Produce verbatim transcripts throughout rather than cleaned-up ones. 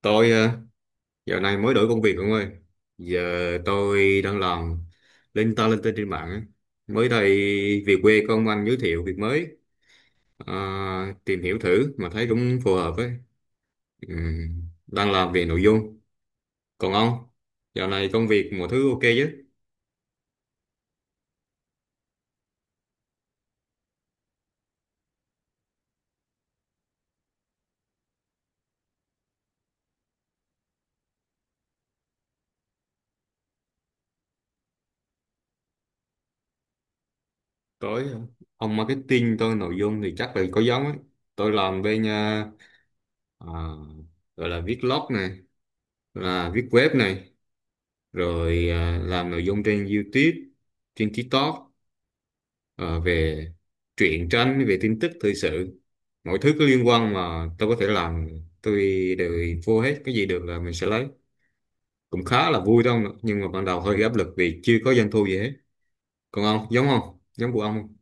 Tôi ờ, dạo này mới đổi công việc ông ơi. Giờ tôi đang làm lên ta lên tên trên mạng á. Mới đây về quê có ông anh giới thiệu việc mới. Ờ, Tìm hiểu thử mà thấy cũng phù hợp ấy. Ừm, đang làm về nội dung. Còn ông, dạo này công việc mọi thứ ok chứ? Tôi hả? Ông marketing tôi nội dung thì chắc là có giống ấy. Tôi làm bên ờ, à, gọi là viết blog này, là viết web này, rồi à, làm nội dung trên YouTube, trên TikTok, ờ, về truyện tranh, về tin tức thời sự, mọi thứ có liên quan mà tôi có thể làm tôi đều vô hết, cái gì được là mình sẽ lấy. Cũng khá là vui đâu, nhưng mà ban đầu hơi áp lực vì chưa có doanh thu gì hết. Còn ông, giống không giống của ông không?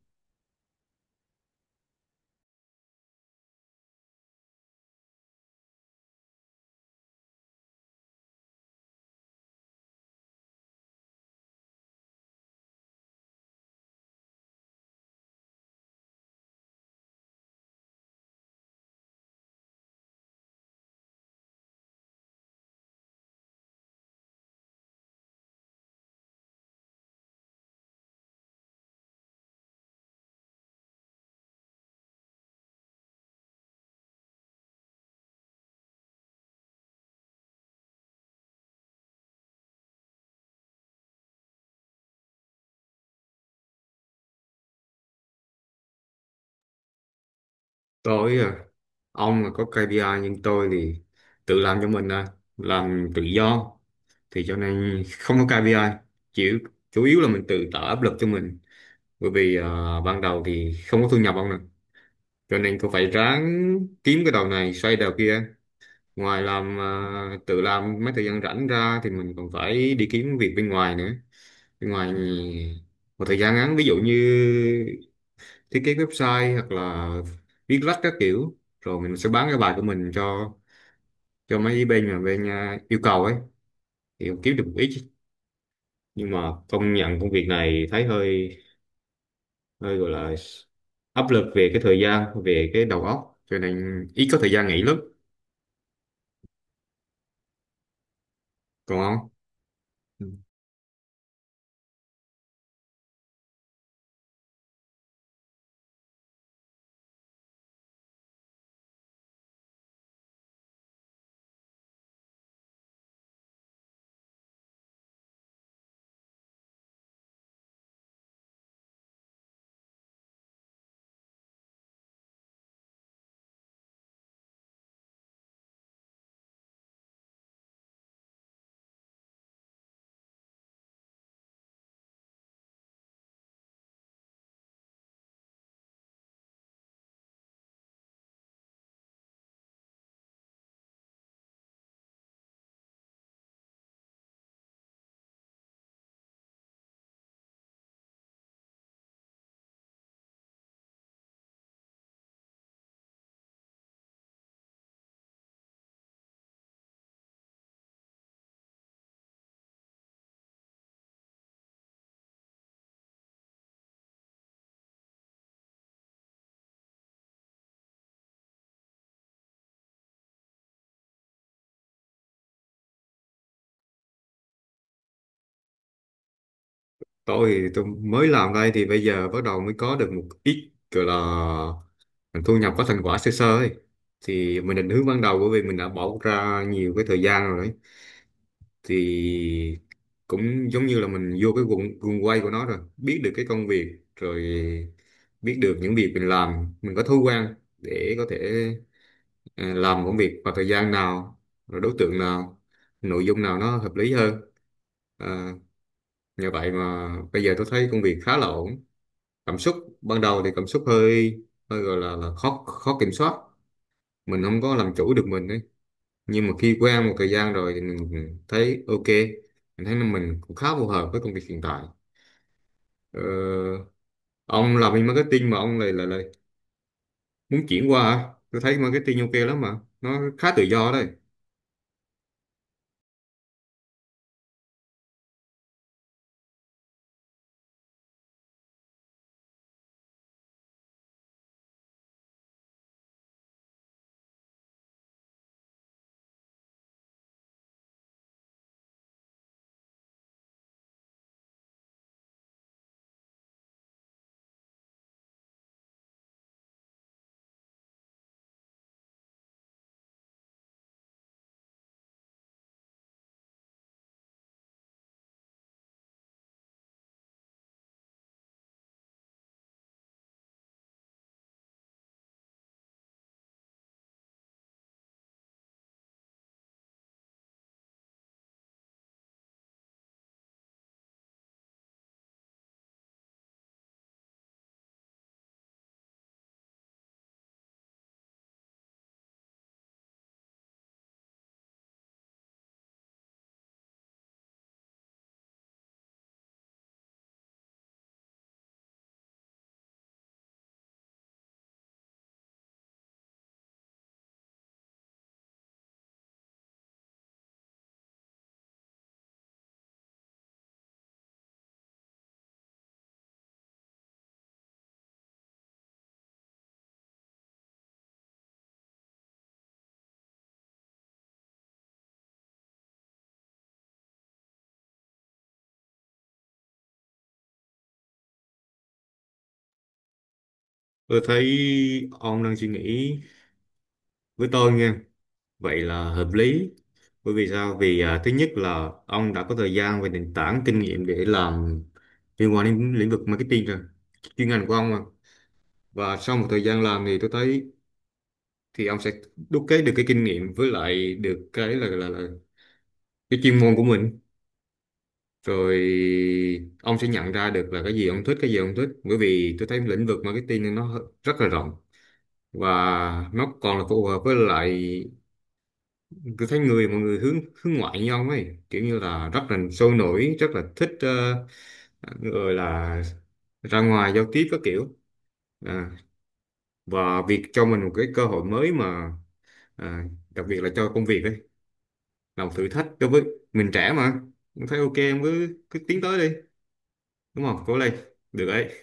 tôi à, ông là có ca pê i nhưng tôi thì tự làm cho mình, à làm tự do, thì cho nên không có ca pê i, chỉ chủ yếu là mình tự tạo áp lực cho mình. Bởi vì à, ban đầu thì không có thu nhập ông nè, cho nên cô phải ráng kiếm cái đầu này xoay đầu kia. Ngoài làm à, tự làm mấy thời gian rảnh ra thì mình còn phải đi kiếm việc bên ngoài nữa, bên ngoài một thời gian ngắn, ví dụ như thiết kế website hoặc là viết lách các kiểu rồi mình sẽ bán cái bài của mình cho cho mấy bên mà bên à, yêu cầu ấy, thì cũng kiếm được một ít. Nhưng mà công nhận công việc này thấy hơi hơi gọi là áp lực về cái thời gian, về cái đầu óc, cho nên ít có thời gian nghỉ lắm. Còn không, tôi thì tôi mới làm đây thì bây giờ bắt đầu mới có được một ít gọi là thu nhập, có thành quả sơ sơ ấy. Thì mình định hướng ban đầu, bởi vì mình đã bỏ ra nhiều cái thời gian rồi ấy. Thì cũng giống như là mình vô cái guồng guồng quay của nó rồi, biết được cái công việc, rồi biết được những việc mình làm, mình có thói quen để có thể ờ, làm công việc vào thời gian nào, rồi đối tượng nào, nội dung nào nó hợp lý hơn. Ờ, Nhờ vậy mà bây giờ tôi thấy công việc khá là ổn. Cảm xúc ban đầu thì cảm xúc hơi hơi gọi là là khó, khó kiểm soát, mình không có làm chủ được mình ấy. Nhưng mà khi quen một thời gian rồi thì mình thấy ok, mình thấy là mình cũng khá phù hợp với công việc hiện tại. ờ, ông làm bên marketing mà ông lại lại lại muốn chuyển qua hả? Tôi thấy marketing ok lắm mà, nó khá tự do đấy. Tôi thấy ông đang suy nghĩ, với tôi nghe vậy là hợp lý. Bởi vì sao? Vì à, thứ nhất là ông đã có thời gian và nền tảng kinh nghiệm để làm liên quan đến lĩnh vực marketing rồi. Chuyên ngành của ông mà. Và sau một thời gian làm thì tôi thấy thì ông sẽ đúc kết được cái kinh nghiệm, với lại được cái là là, là cái chuyên môn của mình. Rồi ông sẽ nhận ra được là cái gì ông thích, cái gì ông thích. Bởi vì tôi thấy lĩnh vực marketing nó rất là rộng, và nó còn là phù hợp với lại, tôi thấy người mọi người hướng hướng ngoại nhau ấy, kiểu như là rất là sôi nổi, rất là thích, ờ, người là ra ngoài giao tiếp các kiểu. à, và việc cho mình một cái cơ hội mới mà, à, đặc biệt là cho công việc ấy, là một thử thách đối với mình, trẻ mà. Tôi thấy ok, em cứ cứ tiến tới đi, đúng không? Cố lên, được đấy.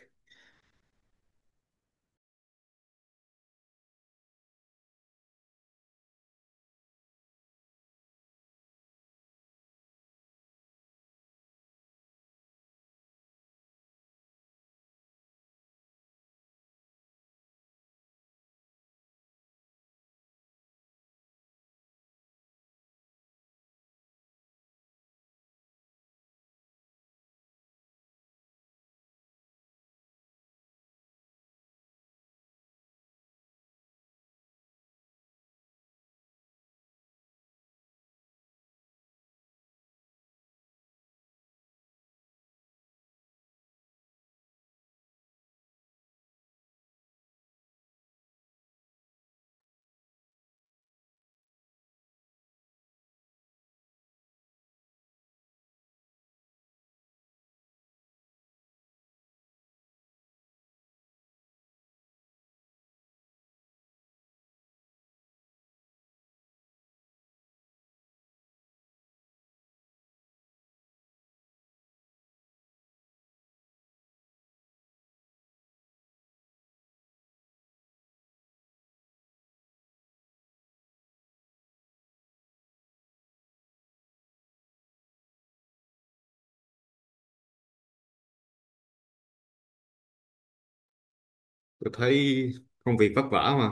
Tôi thấy công việc vất vả mà,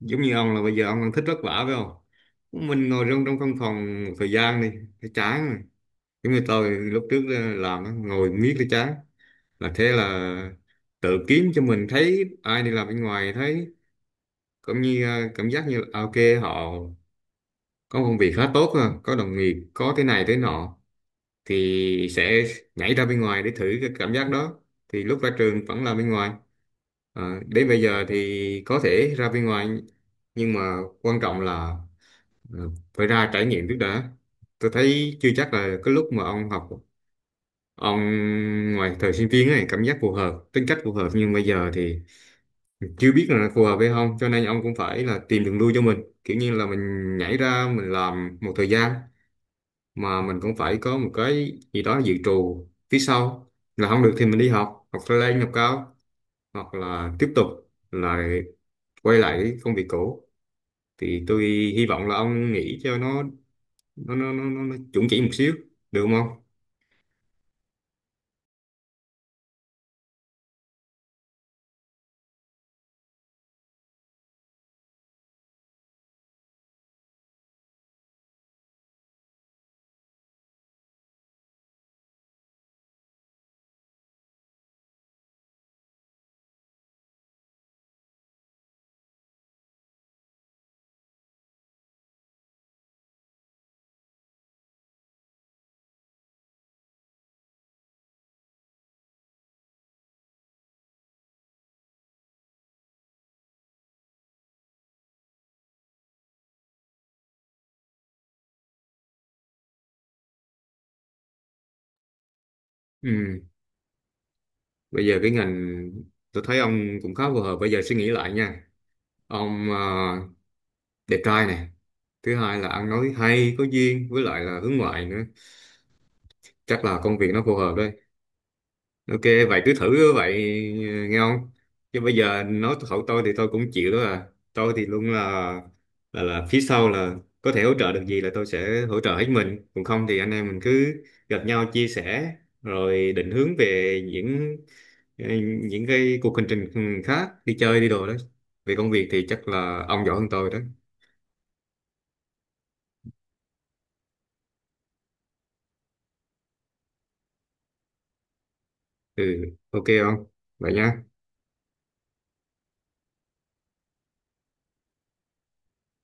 giống như ông là bây giờ ông đang thích vất vả phải không? Mình ngồi trong trong căn phòng một thời gian đi, thấy chán rồi. Giống như tôi lúc trước làm á, ngồi miết cái chán, là thế là tự kiếm cho mình, thấy ai đi làm bên ngoài thấy cũng như à, cảm giác như là, à, ok họ có công việc khá tốt ha, có đồng nghiệp, có thế này thế nọ, thì sẽ nhảy ra bên ngoài để thử cái cảm giác đó. Thì lúc ra trường vẫn làm bên ngoài. Ờ, đến bây giờ thì có thể ra bên ngoài, nhưng mà quan trọng là ờ, phải ra trải nghiệm trước đã. Tôi thấy chưa chắc là cái lúc mà ông học ông ngoài thời sinh viên này cảm giác phù hợp, tính cách phù hợp, nhưng bây giờ thì chưa biết là phù hợp hay không, cho nên ông cũng phải là tìm đường lui cho mình. Kiểu như là mình nhảy ra mình làm một thời gian mà mình cũng phải có một cái gì đó dự trù phía sau. Là không được thì mình đi học, hoặc lên học cao, hoặc là tiếp tục là quay lại cái công việc cũ. Thì tôi hy vọng là ông nghĩ cho nó nó nó nó, nó, nó chuẩn chỉ một xíu, được không ông? Ừ. Bây giờ cái ngành tôi thấy ông cũng khá phù hợp. Bây giờ suy nghĩ lại nha. Ông à, đẹp trai này, thứ hai là ăn nói hay, có duyên, với lại là hướng ngoại nữa. Chắc là công việc nó phù hợp đấy. Ok, vậy cứ thử vậy, nghe không? Chứ bây giờ nói thật tôi thì tôi cũng chịu đó à. Tôi thì luôn là là là phía sau là, có thể hỗ trợ được gì là tôi sẽ hỗ trợ hết mình. Còn không thì anh em mình cứ gặp nhau chia sẻ, rồi định hướng về những ờ, những cái cuộc hành trình khác, đi chơi đi đồ đó. Về công việc thì chắc là ông giỏi hơn tôi đó. Ừ, ok không? Vậy nha.